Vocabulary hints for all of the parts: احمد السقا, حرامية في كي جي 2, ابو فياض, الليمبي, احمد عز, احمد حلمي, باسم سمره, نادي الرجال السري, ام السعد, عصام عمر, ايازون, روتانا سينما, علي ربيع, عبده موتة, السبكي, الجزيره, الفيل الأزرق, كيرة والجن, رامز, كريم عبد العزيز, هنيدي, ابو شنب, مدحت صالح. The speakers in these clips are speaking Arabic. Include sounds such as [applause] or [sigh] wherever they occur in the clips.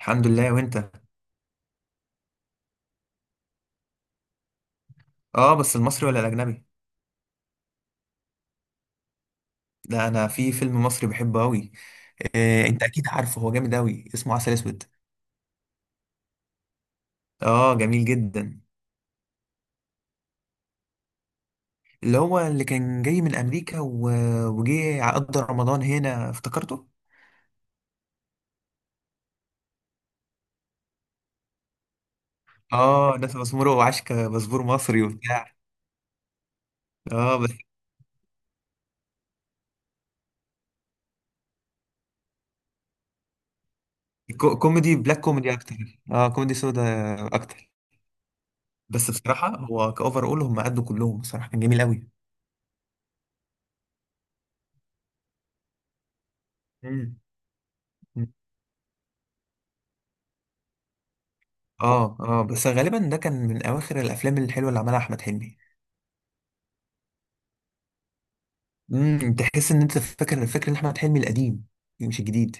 الحمد لله، وانت؟ اه، بس المصري ولا الاجنبي؟ ده انا في فيلم مصري بحبه قوي. إيه، انت اكيد عارفه. هو جامد قوي، اسمه عسل اسود. اه، جميل جدا. اللي هو اللي كان جاي من امريكا و... وجه قضى رمضان هنا، افتكرته. اه، ناس باسمره وعشكة باسبور مصري وبتاع. اه بس كوميدي بلاك كوميدي اكتر. اه، كوميدي سودا اكتر. بس بصراحة هو كأوفر، اول هم قدوا كلهم بصراحة كان جميل قوي. مم. اه اه، بس غالبا ده كان من اواخر الافلام الحلوه اللي عملها احمد حلمي. تحس ان انت فاكر الفكر ان احمد حلمي القديم، يعني مش الجديد.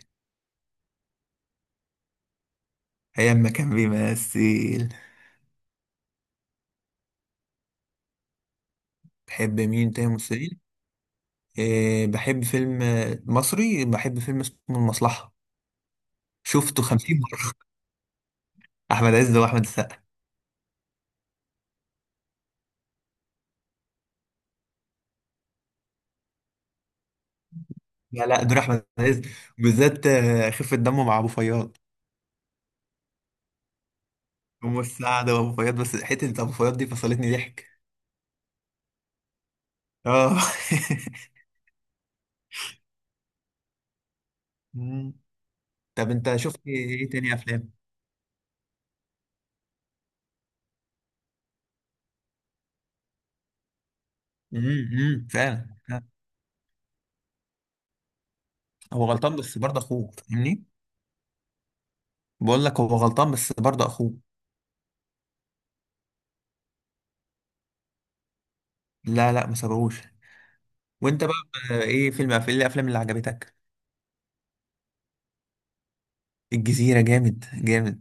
ايام ما كان بيمثل. بحب مين تاني ممثلين؟ إيه، بحب فيلم مصري، بحب فيلم اسمه المصلحه. شفته 50 مره. [laughs] احمد عز واحمد السقا. لا لا، دور احمد عز بالذات خفه دمه مع ابو فياض. ام السعد وابو فياض، بس حته ابو فياض دي فصلتني ضحك. اه. [laughs] مم. طب انت شفت ايه تاني افلام؟ أمم، فعلا فعلا. هو غلطان بس برضه اخوه فاهمني. بقول لك هو غلطان بس برضه اخوه. لا لا، ما سابهوش. وانت بقى؟ ايه فيلم، ايه الافلام اللي عجبتك؟ الجزيره جامد جامد.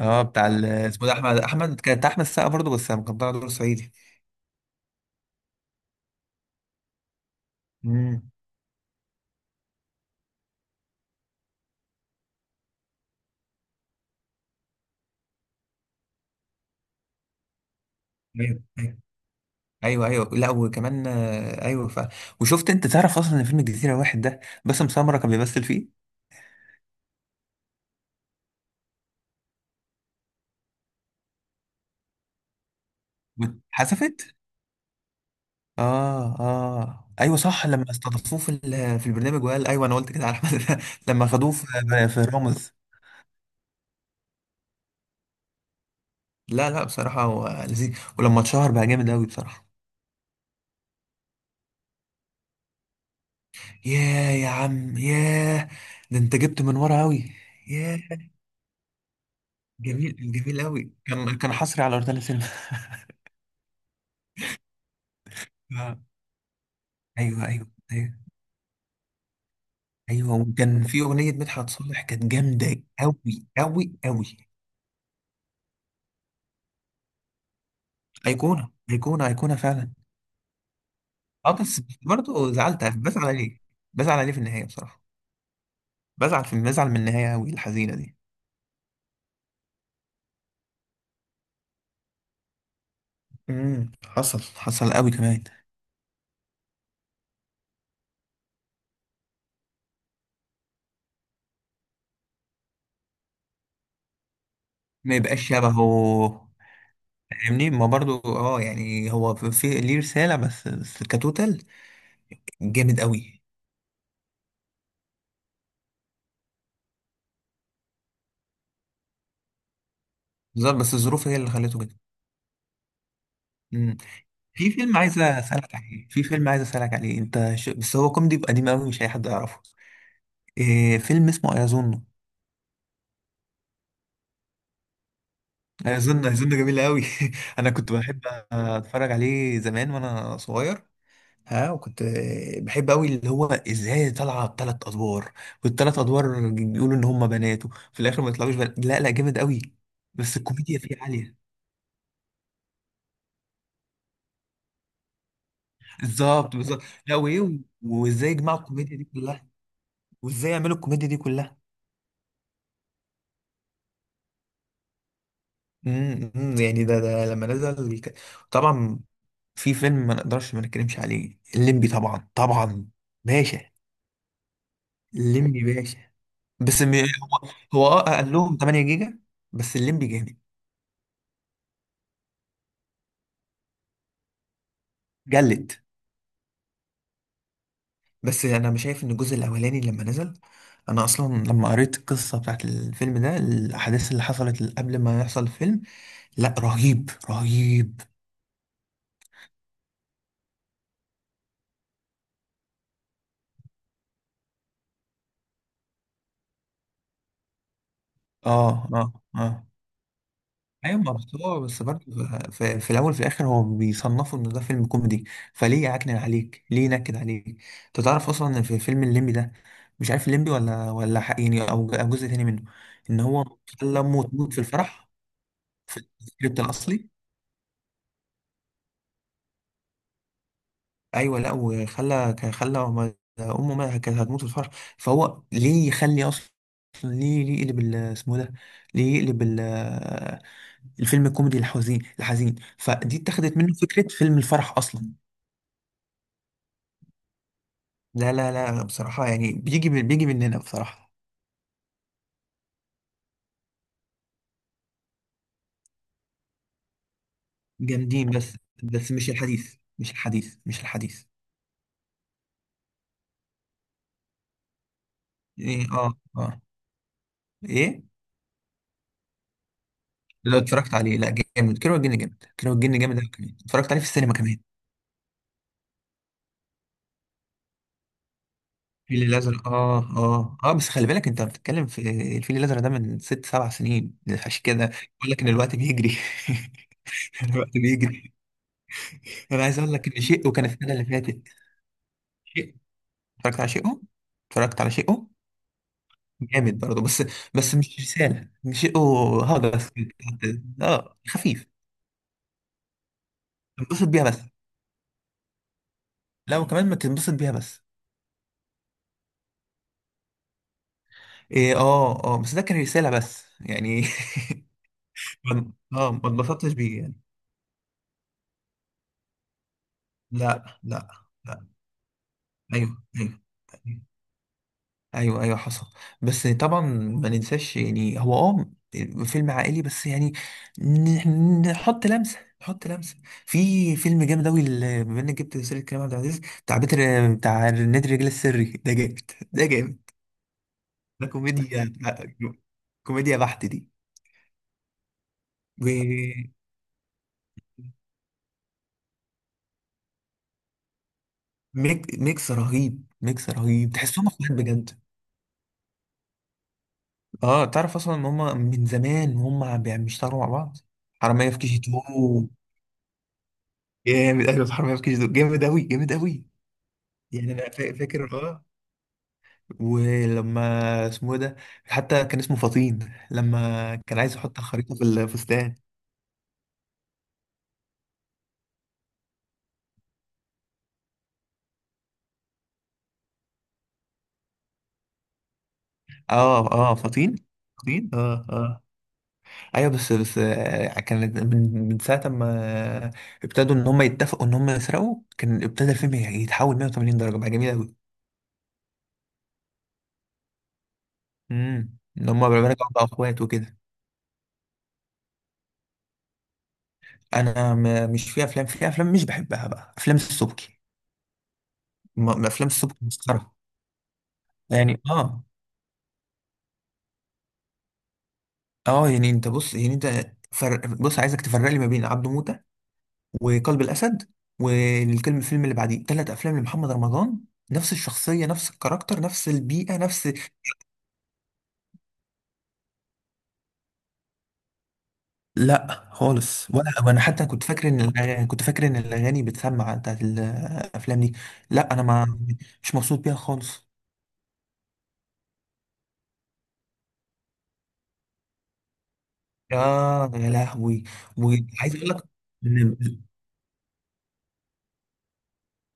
اه، بتاع اسمه ده، احمد كانت، احمد السقا برضه، بس كان طالع دور صعيدي. امم. ايوه ايوه ايوه ايوه. لا وكمان ايوه وشفت، انت تعرف اصلا ان فيلم الجزيره واحد ده، باسم سمره كان بيمثل فيه. واتحذفت. اه اه ايوه صح، لما استضافوه في في البرنامج وقال ايوه، انا قلت كده على احمد. [laughs] لما خدوه في في رامز. لا لا، بصراحه هو لذيذ، ولما اتشهر بقى جامد قوي بصراحه. ياه يا عم ياه. ده انت جبت من ورا قوي. ياه. جميل جميل قوي، كان حصري على روتانا سينما. [laughs] آه. ايوه ايوه ايوه. ايوه، وكان في اغنيه مدحت صالح كانت جامده قوي قوي قوي. ايقونه ايقونه ايقونه فعلا. اه، بس برضه زعلت، بزعل عليه. بزعل عليه في النهاية بصراحة. بزعل من النهاية أوي الحزينة دي. حصل حصل قوي كمان. ما يبقاش شبهه فاهمني، ما برضو، يعني هو في ليه رسالة، بس بس كتوتال جامد قوي. بالظبط، بس الظروف هي اللي خلته كده. مم. في فيلم عايز اسألك عليه، في فيلم عايز اسألك عليه انت ش... بس هو كوميدي قديم قوي، مش اي حد يعرفه. إيه، فيلم اسمه ايازون. هيظن هيظن جميل قوي. [laughs] انا كنت بحب اتفرج عليه زمان وانا صغير. ها، وكنت بحب قوي اللي هو ازاي طالعه بثلاث ادوار، والثلاث ادوار بيقولوا ان هم بناته، في الاخر ما يطلعوش بنات. لا لا جامد قوي، بس الكوميديا فيه عاليه. بالظبط بالظبط. لا، وايه وازاي يجمعوا الكوميديا دي كلها؟ وازاي يعملوا الكوميديا دي كلها؟ أمم، يعني ده لما نزل طبعا. في فيلم ما نقدرش ما نتكلمش عليه، الليمبي طبعا طبعا. باشا. الليمبي باشا. بس هو هو قال لهم 8 جيجا. بس الليمبي جامد. جلد. بس انا مش شايف ان الجزء الاولاني لما نزل. انا اصلا لما قريت القصه بتاعت الفيلم ده، الاحداث اللي حصلت قبل ما يحصل الفيلم، لا رهيب رهيب. اه اه اه ايوه، ما بس هو بس برضه في الاول في الاخر هو بيصنفوا ان ده فيلم كوميدي، فليه يعكنن عليك، ليه ينكد عليك؟ انت تعرف اصلا ان في فيلم الليمبي ده، مش عارف الليمبي ولا حق يعني، أو جزء تاني منه، ان هو خلى امه تموت في الفرح في السكريبت الاصلي. ايوه لا، وخلى كان خلى امه ما كانت هتموت في الفرح. فهو ليه يخلي اصلا، ليه يقلب اسمه إيه ده، ليه يقلب الفيلم الكوميدي الحزين، الحزين فدي اتخذت منه فكرة فيلم الفرح اصلا. لا لا لا، بصراحة يعني بيجي من، بيجي مننا بصراحة جامدين. بس بس مش الحديث، مش الحديث، مش الحديث. ايه اه اه. ايه. لو اتفرجت عليه لا، جامد. كيرة والجن جامد، كيرة والجن جامد أوي، كمان اتفرجت عليه في السينما كمان. الفيل الأزرق، اه اه اه، بس خلي بالك انت بتتكلم في الفيل الأزرق ده من ست سبع سنين. عشان كده بقول لك ان الوقت بيجري. [laughs] الوقت بيجري. انا عايز اقول لك ان شيء وكان السنة اللي فاتت. شيء. اتفرجت على شيء. اتفرجت على شيء جامد برضه، بس بس مش رسالة مش او هجس كده. اه، خفيف، انبسط بيها بس. لا وكمان، ما تنبسط بيها بس. إيه، اه اه، بس ده كان رسالة بس يعني. [laughs] ما اتبسطتش بيه يعني. لا لا لا. ايوه ايوه ايوه ايوه حصل، بس طبعا ما ننساش، يعني هو فيلم عائلي بس يعني. نحط لمسه، نحط لمسه. في فيلم جامد اوي، بما انك جبت سيره كريم عبد العزيز، بتاع بيتر، بتاع نادي الرجال السري، ده جامد، ده جامد. ده كوميديا. [laughs] كوميديا بحت دي. و- ميكس رهيب، ميكس رهيب، تحسهم اخوات بجد. اه، تعرف اصلا ان هم من زمان وهم بيشتغلوا مع بعض. حرامية في كي جي 2 جامد، ايوه، في حرامية في كيجي دول جامد اوي، جامد اوي. يعني انا فاكر، اه، ولما اسمه إيه ده، حتى كان اسمه فطين لما كان عايز يحط الخريطة في الفستان. اه اه، فطين. فطين، اه اه. ايوه بس بس كانت من, ساعة ما ابتدوا ان هم يتفقوا ان هم يسرقوا، كان ابتدى الفيلم يتحول 180 درجة، بقى جميل اوي. ان هم بقى اخوات وكده. انا مش في افلام مش بحبها بقى، افلام السبكي. ما افلام السبكي مسخره. يعني اه اه، يعني انت بص، يعني انت بص، عايزك تفرق لي ما بين عبده موتة وقلب الاسد والفيلم اللي بعديه، ثلاث افلام لمحمد رمضان، نفس الشخصيه، نفس الكاركتر، نفس البيئه، نفس. لا خالص ولا، انا حتى كنت فاكر ان كنت فاكر ان الاغاني بتسمع بتاعت الافلام دي. لا انا ما، مش مبسوط بيها خالص. يا، يا لهوي. وعايز اقول لك إن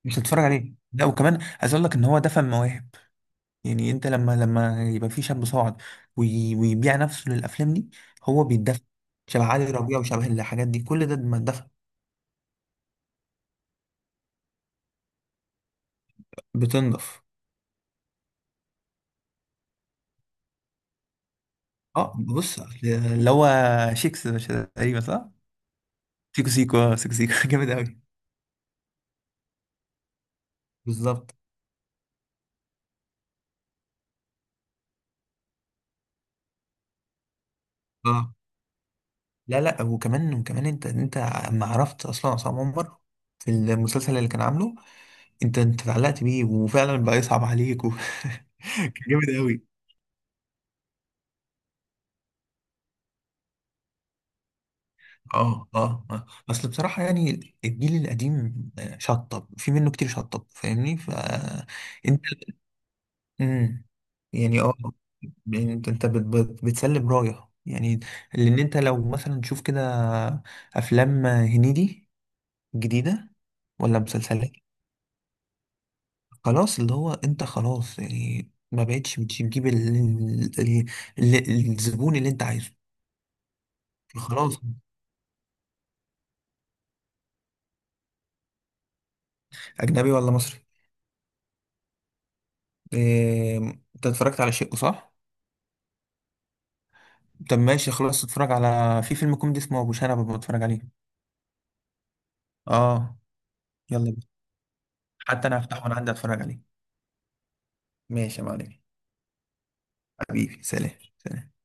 مش هتتفرج عليه. لا وكمان عايز اقول لك ان هو دفن مواهب. يعني انت لما يبقى في شاب صاعد ويبيع نفسه للافلام دي، هو بيتدفن. شبه علي ربيع وشبه الحاجات دي كل ده ما اتدفن. بتنضف. اه، بص أصل اللي هو، شيكس مش تقريبا صح؟ سيكو سيكو، اه، سيكو سيكو. [laughs] جامد قوي. بالظبط. اه. لا لا وكمان وكمان، انت اما عرفت اصلا عصام عمر في المسلسل اللي كان عامله، انت اتعلقت بيه، وفعلا بقى يصعب عليك و... [laughs] كان جامد قوي. اه اه آه. اصل بصراحة يعني الجيل القديم شطب في منه كتير، شطب فاهمني فانت. امم. يعني اه، يعني انت بتسلم رايه يعني. لان انت لو مثلا تشوف كده افلام هنيدي جديدة ولا مسلسلات؟ خلاص، اللي هو انت خلاص يعني ما بقتش بتجيب ال- الزبون اللي انت عايزه. خلاص. اجنبي ولا مصري؟ إيه، انت اتفرجت على شيء صح؟ طب ماشي، خلاص اتفرج على، في فيلم كوميدي اسمه ابو شنب، ببقى بتفرج عليه. اه. يلا بينا، حتى انا هفتحه وانا عندي اتفرج عليه. ماشي يا معلم. حبيبي، سلام. سلام.